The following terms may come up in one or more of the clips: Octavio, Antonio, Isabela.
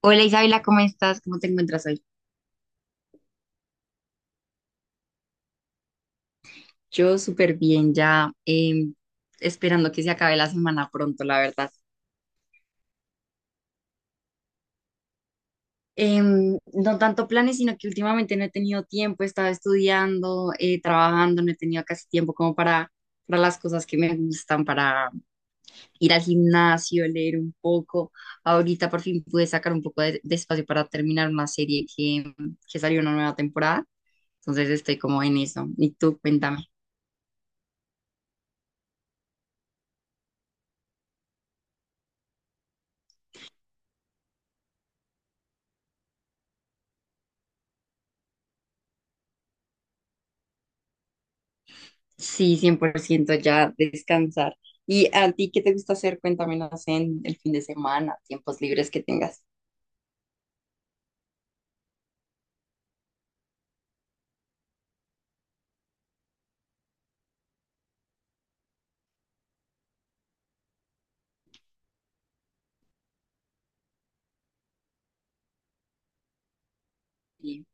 Hola Isabela, ¿cómo estás? ¿Cómo te encuentras hoy? Yo súper bien, ya esperando que se acabe la semana pronto, la verdad. No tanto planes, sino que últimamente no he tenido tiempo, he estado estudiando, trabajando, no he tenido casi tiempo como para las cosas que me gustan, para ir al gimnasio, leer un poco. Ahorita por fin pude sacar un poco de espacio para terminar una serie que salió una nueva temporada, entonces estoy como en eso. ¿Y tú, cuéntame? Sí, 100% ya descansar. ¿Y a ti qué te gusta hacer? Cuéntamelas en el fin de semana, tiempos libres que tengas. Sí,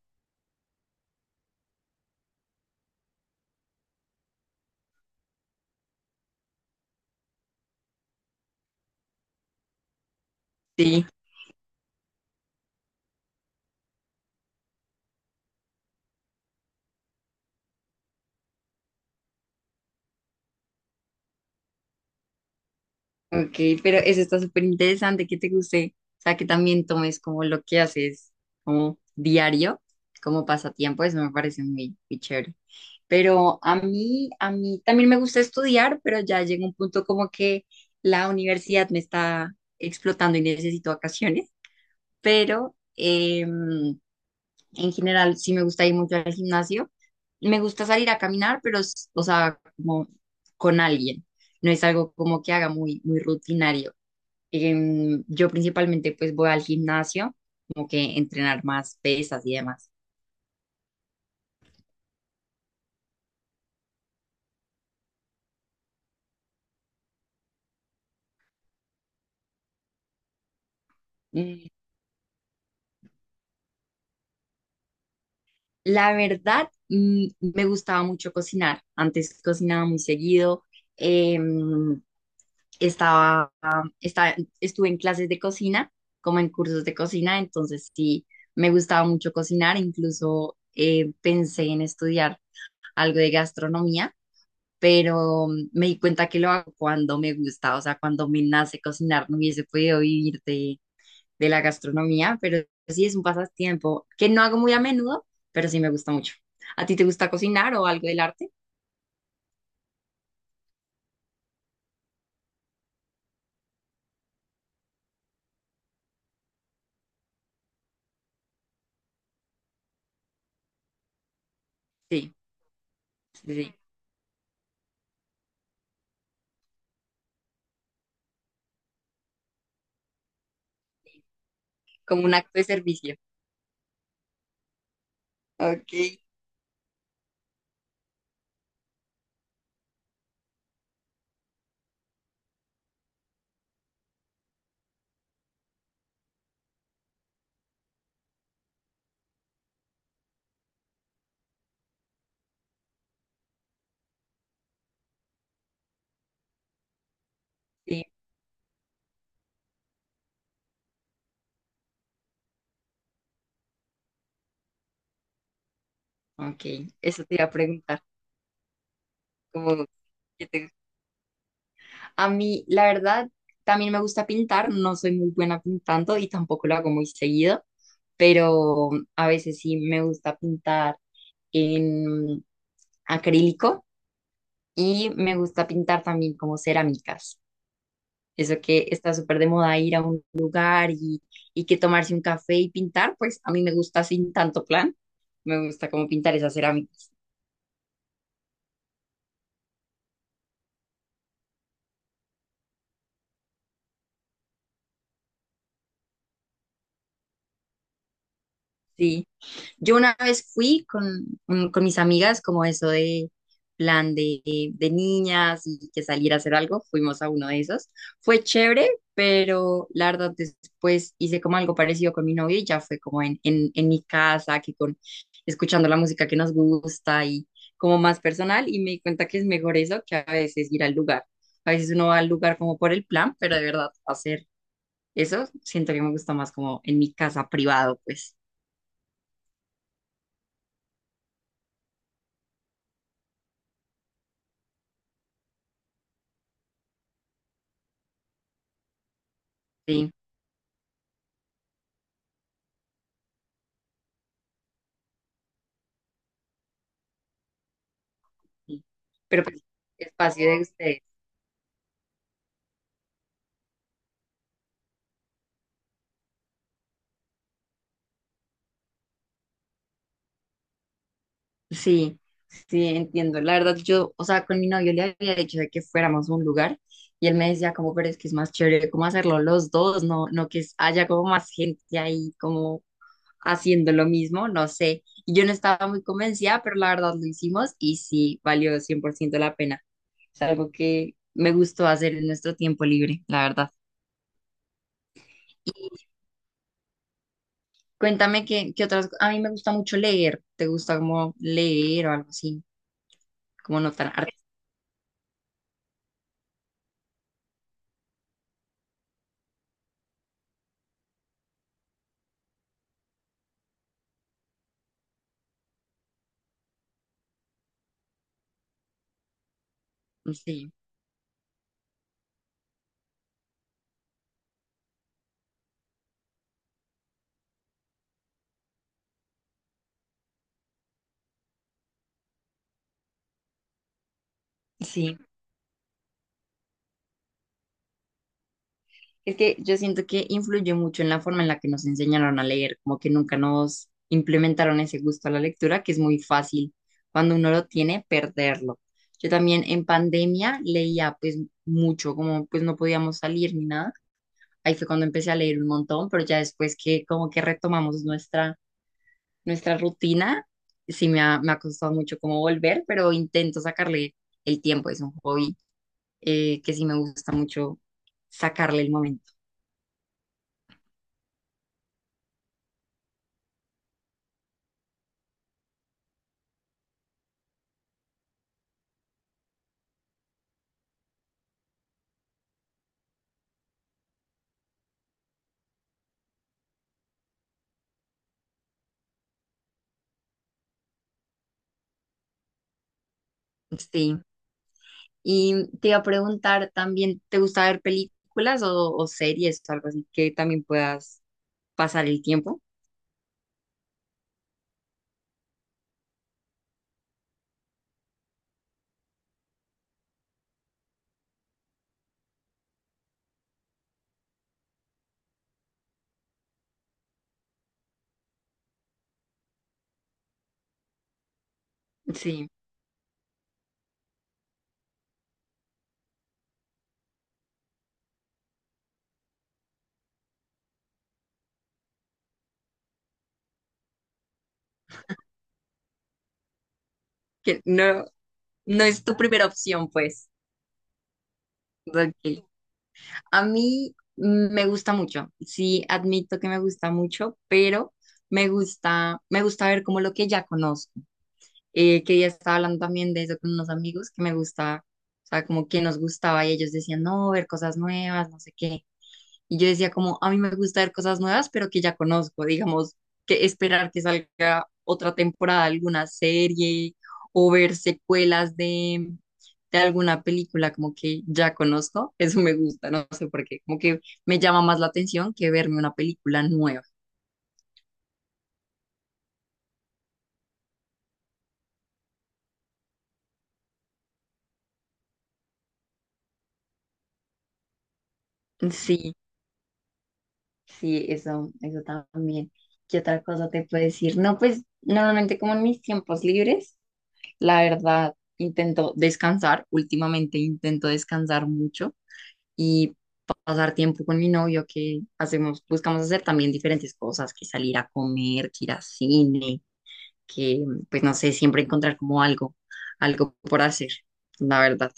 sí, ok, pero eso está súper interesante, que te guste, o sea, que también tomes como lo que haces como diario, como pasatiempo, eso me parece muy, muy chévere. Pero a mí también me gusta estudiar, pero ya llega un punto como que la universidad me está explotando y necesito vacaciones, pero en general sí me gusta ir mucho al gimnasio. Me gusta salir a caminar, pero, o sea, como con alguien. No es algo como que haga muy, muy rutinario. Yo principalmente pues voy al gimnasio, como que entrenar más pesas y demás. Mm, la verdad, me gustaba mucho cocinar. Antes cocinaba muy seguido. Em, estaba, estaba, estuve en clases de cocina, como en cursos de cocina, entonces sí, me gustaba mucho cocinar, incluso pensé en estudiar algo de gastronomía, pero me di cuenta que lo hago cuando me gusta, o sea, cuando me nace cocinar, no hubiese podido vivir de la gastronomía, pero sí es un pasatiempo que no hago muy a menudo, pero sí me gusta mucho. ¿A ti te gusta cocinar o algo del arte? Sí, sí, sí, como un acto de servicio. Ok, sí. Ok, eso te iba a preguntar. Como que a mí, la verdad, también me gusta pintar, no soy muy buena pintando y tampoco lo hago muy seguido, pero a veces sí me gusta pintar en acrílico y me gusta pintar también como cerámicas. Eso que está súper de moda ir a un lugar y que tomarse un café y pintar, pues a mí me gusta sin tanto plan, me gusta como pintar esas cerámicas. Sí. Yo una vez fui con mis amigas, como eso de plan de niñas y que salir a hacer algo, fuimos a uno de esos. Fue chévere, pero la verdad después hice como algo parecido con mi novio y ya fue como en mi casa, que con escuchando la música que nos gusta y como más personal y me di cuenta que es mejor eso que a veces ir al lugar. A veces uno va al lugar como por el plan, pero de verdad hacer eso siento que me gusta más como en mi casa privado, pues. Sí. Sí. Pero pues, espacio de ustedes. Sí, sí, entiendo. La verdad, yo, o sea, con mi novio le había dicho de que fuéramos a un lugar y él me decía como, pero es que es más chévere como hacerlo los dos, no, no que haya como más gente ahí como haciendo lo mismo, no sé. Y yo no estaba muy convencida, pero la verdad lo hicimos y sí, valió 100% la pena. Es algo que me gustó hacer en nuestro tiempo libre, la verdad. Cuéntame qué, qué otras, a mí me gusta mucho leer, ¿te gusta como leer o algo así? Como no tan sí, sí. Es que yo siento que influyó mucho en la forma en la que nos enseñaron a leer, como que nunca nos implementaron ese gusto a la lectura, que es muy fácil cuando uno lo tiene perderlo. Yo también en pandemia leía pues mucho, como pues no podíamos salir ni nada. Ahí fue cuando empecé a leer un montón, pero ya después que como que retomamos nuestra rutina, sí me ha costado mucho como volver, pero intento sacarle el tiempo, es un hobby que sí me gusta mucho sacarle el momento. Sí. Y te iba a preguntar también, ¿te gusta ver películas o series o algo así que también puedas pasar el tiempo? Sí, que no, no es tu primera opción, pues. Ok. A mí me gusta mucho, sí, admito que me gusta mucho, pero me gusta ver como lo que ya conozco. Eh, que ya estaba hablando también de eso con unos amigos que me gustaba, o sea, como que nos gustaba y ellos decían, no, ver cosas nuevas, no sé qué. Y yo decía como, a mí me gusta ver cosas nuevas, pero que ya conozco, digamos, que esperar que salga otra temporada de alguna serie o ver secuelas de alguna película como que ya conozco, eso me gusta, no sé por qué, como que me llama más la atención que verme una película nueva. Sí. Sí, eso también. ¿Qué otra cosa te puedo decir? No, pues normalmente como en mis tiempos libres, la verdad, intento descansar. Últimamente intento descansar mucho y pasar tiempo con mi novio, que hacemos, buscamos hacer también diferentes cosas, que salir a comer, que ir a cine, que pues no sé, siempre encontrar como algo por hacer, la verdad.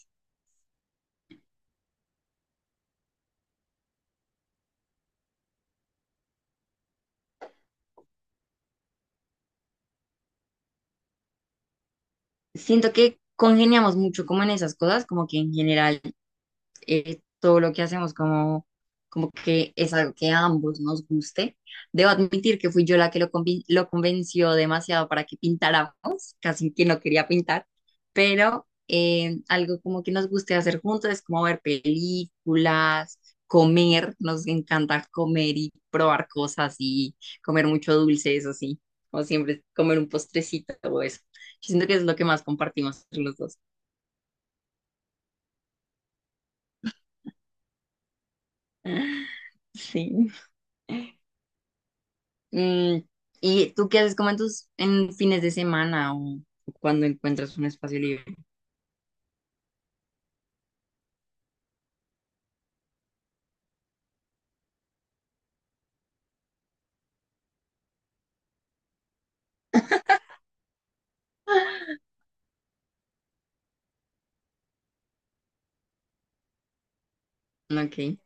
Siento que congeniamos mucho como en esas cosas, como que en general todo lo que hacemos como, como que es algo que a ambos nos guste. Debo admitir que fui yo la que lo convenció demasiado para que pintáramos, casi que no quería pintar, pero algo como que nos guste hacer juntos es como ver películas, comer, nos encanta comer y probar cosas y comer mucho dulce, eso sí, como siempre, comer un postrecito o eso. Yo siento que es lo que más compartimos entre los dos. Sí. Mm, ¿y tú qué haces como en tus en fines de semana o cuando encuentras un espacio libre? Ah, ok,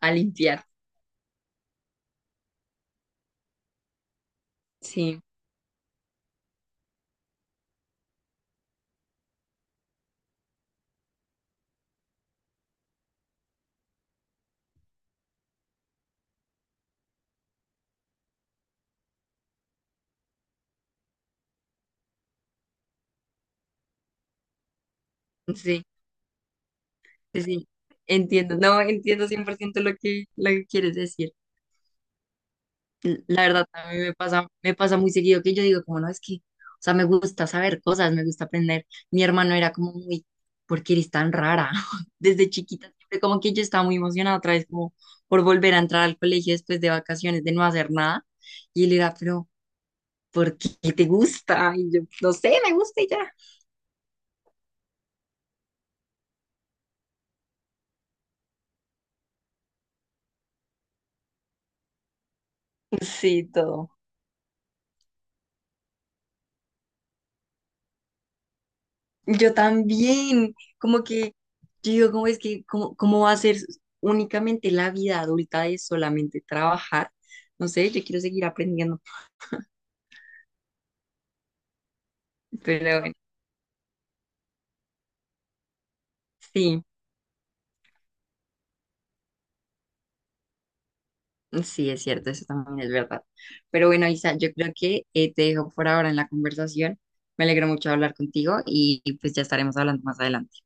a limpiar. Sí, sí, sí, sí. Entiendo, no, entiendo cien por ciento lo que quieres decir. La verdad, a mí me pasa muy seguido que yo digo, como no, es que, o sea, me gusta saber cosas, me gusta aprender. Mi hermano era como muy, ¿por qué eres tan rara? Desde chiquita, siempre como que yo estaba muy emocionada otra vez, como por volver a entrar al colegio después de vacaciones, de no hacer nada. Y él era, pero porque te gusta, y yo, no sé, me gusta y ya. Sí, todo. Yo también, como que, yo digo, ¿cómo es que, cómo, cómo va a ser únicamente la vida adulta de solamente trabajar? No sé, yo quiero seguir aprendiendo, pero bueno, sí, sí, es cierto, eso también es verdad. Pero bueno, Isa, yo creo que te dejo por ahora en la conversación. Me alegro mucho hablar contigo y pues ya estaremos hablando más adelante.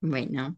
Bueno.